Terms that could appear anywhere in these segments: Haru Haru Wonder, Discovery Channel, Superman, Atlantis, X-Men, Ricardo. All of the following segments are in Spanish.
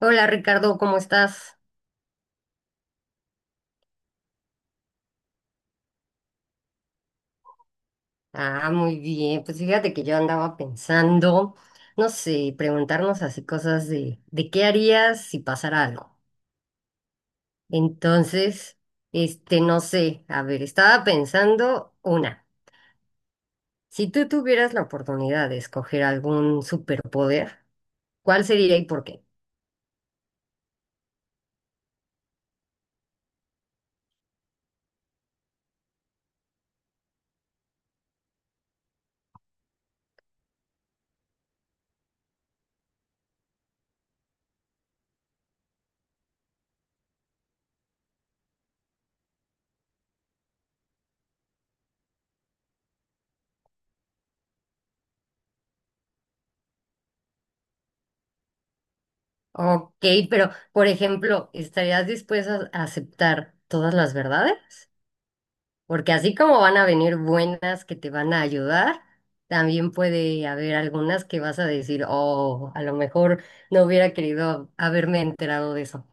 Hola Ricardo, ¿cómo estás? Ah, muy bien. Pues fíjate que yo andaba pensando, no sé, preguntarnos así cosas de qué harías si pasara algo. Entonces, este, no sé, a ver, estaba pensando una, si tú tuvieras la oportunidad de escoger algún superpoder, ¿cuál sería y por qué? Ok, pero por ejemplo, ¿estarías dispuesta a aceptar todas las verdades? Porque así como van a venir buenas que te van a ayudar, también puede haber algunas que vas a decir, oh, a lo mejor no hubiera querido haberme enterado de eso.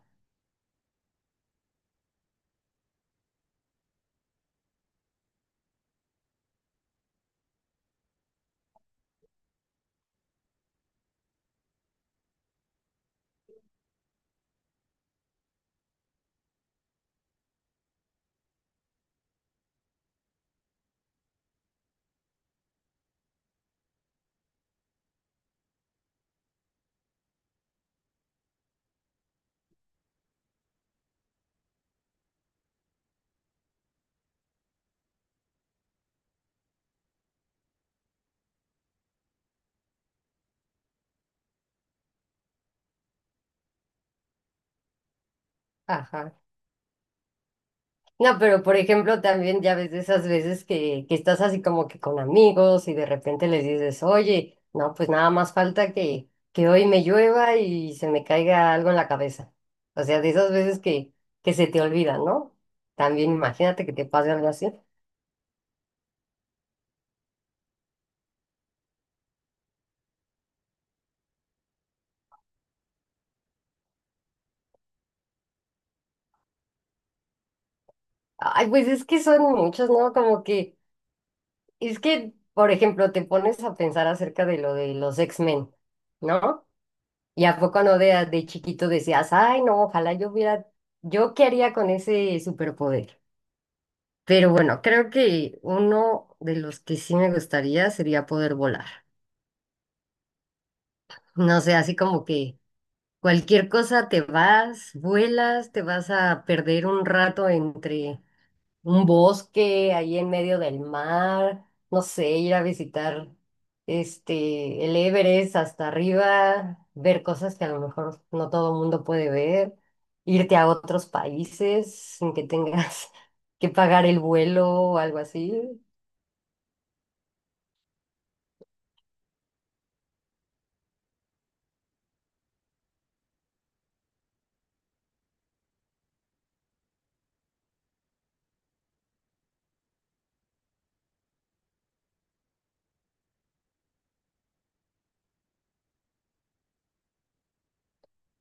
Ajá. No, pero por ejemplo, también ya ves de esas veces que estás así como que con amigos y de repente les dices, oye, no, pues nada más falta que hoy me llueva y se me caiga algo en la cabeza. O sea, de esas veces que se te olvida, ¿no? También imagínate que te pase algo así. Ay, pues es que son muchos, ¿no? Como que, es que, por ejemplo, te pones a pensar acerca de lo de los X-Men, ¿no? Y a poco no de chiquito decías, ay, no, ojalá yo hubiera, yo qué haría con ese superpoder. Pero bueno, creo que uno de los que sí me gustaría sería poder volar. No sé, así como que cualquier cosa te vas, vuelas, te vas a perder un rato entre un bosque ahí en medio del mar, no sé, ir a visitar este el Everest hasta arriba, ver cosas que a lo mejor no todo el mundo puede ver, irte a otros países sin que tengas que pagar el vuelo o algo así.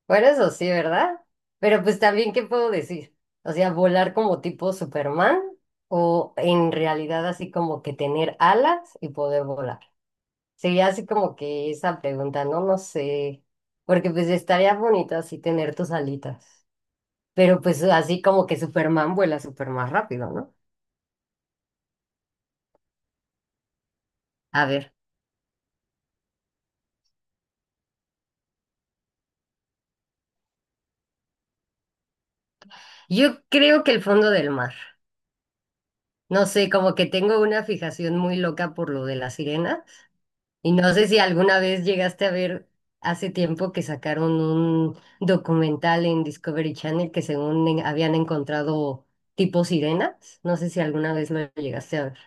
Bueno, eso sí, ¿verdad? Pero pues también, ¿qué puedo decir? O sea, volar como tipo Superman o en realidad así como que tener alas y poder volar. Sería así como que esa pregunta, ¿no? No sé, porque pues estaría bonito así tener tus alitas, pero pues así como que Superman vuela súper más rápido, ¿no? A ver, yo creo que el fondo del mar, no sé, como que tengo una fijación muy loca por lo de la sirena y no sé si alguna vez llegaste a ver hace tiempo que sacaron un documental en Discovery Channel que según en- habían encontrado tipo sirenas, no sé si alguna vez lo llegaste a ver.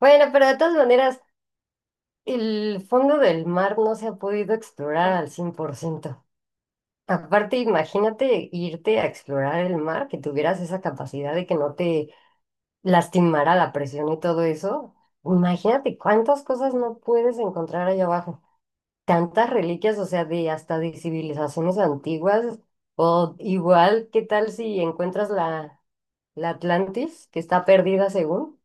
Bueno, pero de todas maneras el fondo del mar no se ha podido explorar al 100%. Aparte, imagínate irte a explorar el mar, que tuvieras esa capacidad de que no te lastimara la presión y todo eso. Imagínate cuántas cosas no puedes encontrar allá abajo. Tantas reliquias, o sea, de hasta de civilizaciones antiguas. O igual, ¿qué tal si encuentras la Atlantis, que está perdida según?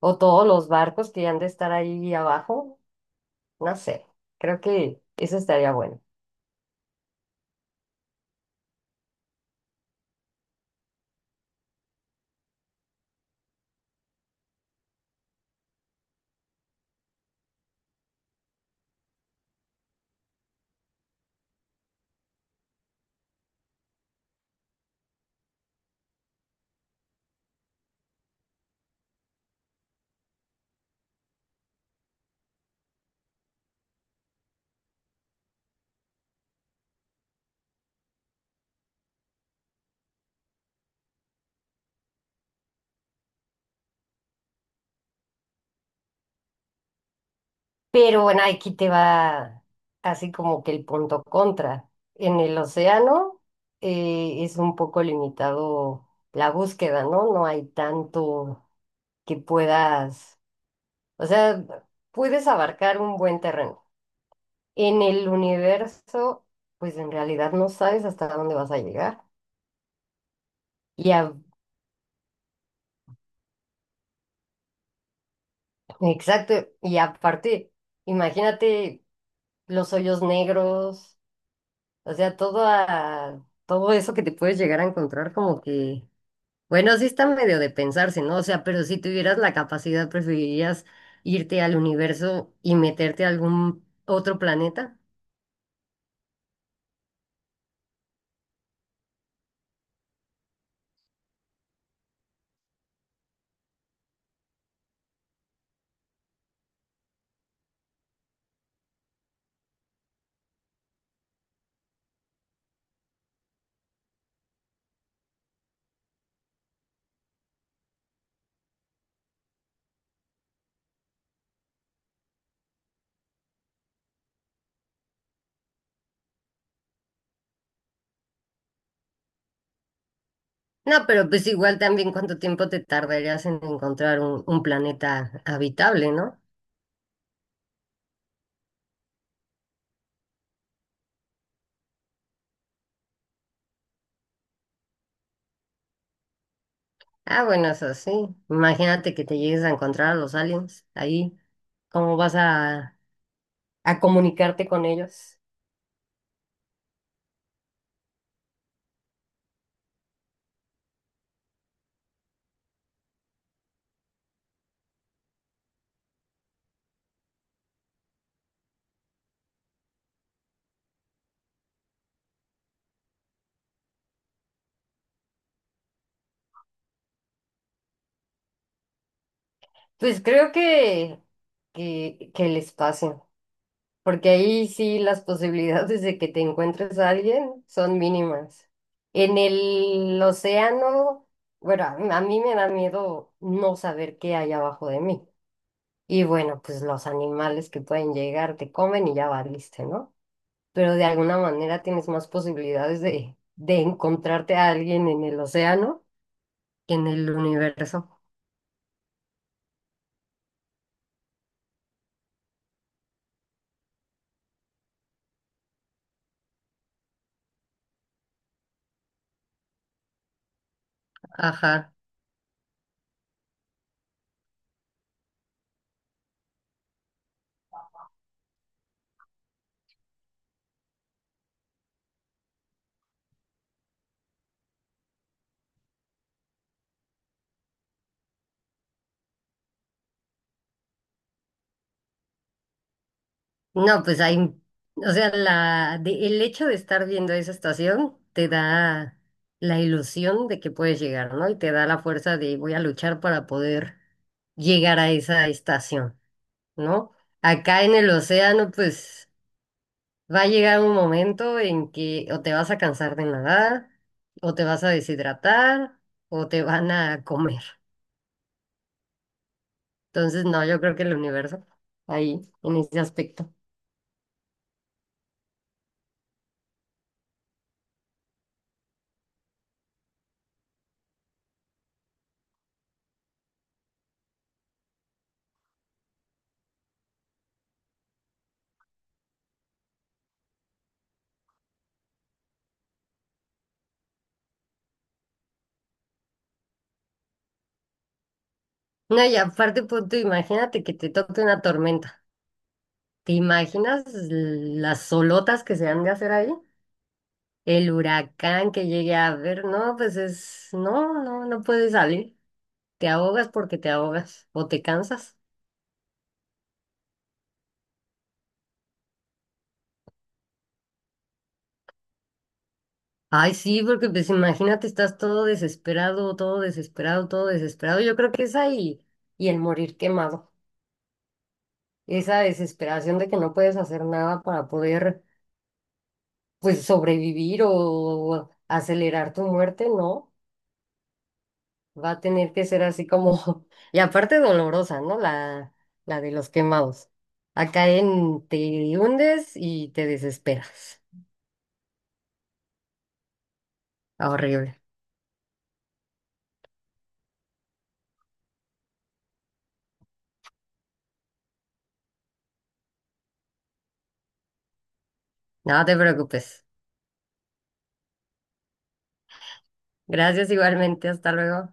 O todos los barcos que han de estar ahí abajo. No sé, creo que eso estaría bueno. Pero bueno, aquí te va así como que el punto contra. En el océano es un poco limitado la búsqueda, ¿no? No hay tanto que puedas, o sea, puedes abarcar un buen terreno. En el universo, pues en realidad no sabes hasta dónde vas a llegar. Y a- exacto, y aparte, imagínate los hoyos negros. O sea, todo, todo eso que te puedes llegar a encontrar como que, bueno, sí está medio de pensarse, ¿no? O sea, pero si tuvieras la capacidad, ¿preferirías irte al universo y meterte a algún otro planeta? No, pero pues igual también cuánto tiempo te tardarías en encontrar un planeta habitable, ¿no? Ah, bueno, eso sí. Imagínate que te llegues a encontrar a los aliens ahí. ¿Cómo vas a comunicarte con ellos? Pues creo que, que el espacio. Porque ahí sí las posibilidades de que te encuentres a alguien son mínimas. En el océano, bueno, a mí me da miedo no saber qué hay abajo de mí. Y bueno, pues los animales que pueden llegar te comen y ya valiste, ¿no? Pero de alguna manera tienes más posibilidades de encontrarte a alguien en el océano que en el universo. Ajá. No, pues hay, o sea, la, de- el hecho de estar viendo esa estación te da la ilusión de que puedes llegar, ¿no? Y te da la fuerza de voy a luchar para poder llegar a esa estación, ¿no? Acá en el océano, pues va a llegar un momento en que o te vas a cansar de nadar, o te vas a deshidratar, o te van a comer. Entonces, no, yo creo que el universo ahí, en ese aspecto. No, y aparte, punto, imagínate que te toque una tormenta. ¿Te imaginas las solotas que se han de hacer ahí? El huracán que llegue a ver, no, pues es, no, no, no puedes salir. Te ahogas porque te ahogas o te cansas. Ay, sí, porque pues imagínate, estás todo desesperado, todo desesperado, todo desesperado. Yo creo que es ahí y el morir quemado. Esa desesperación de que no puedes hacer nada para poder, pues, sobrevivir o acelerar tu muerte, ¿no? Va a tener que ser así como, y aparte dolorosa, ¿no? La de los quemados. Acá en te hundes y te desesperas. Horrible. No te preocupes. Gracias igualmente. Hasta luego.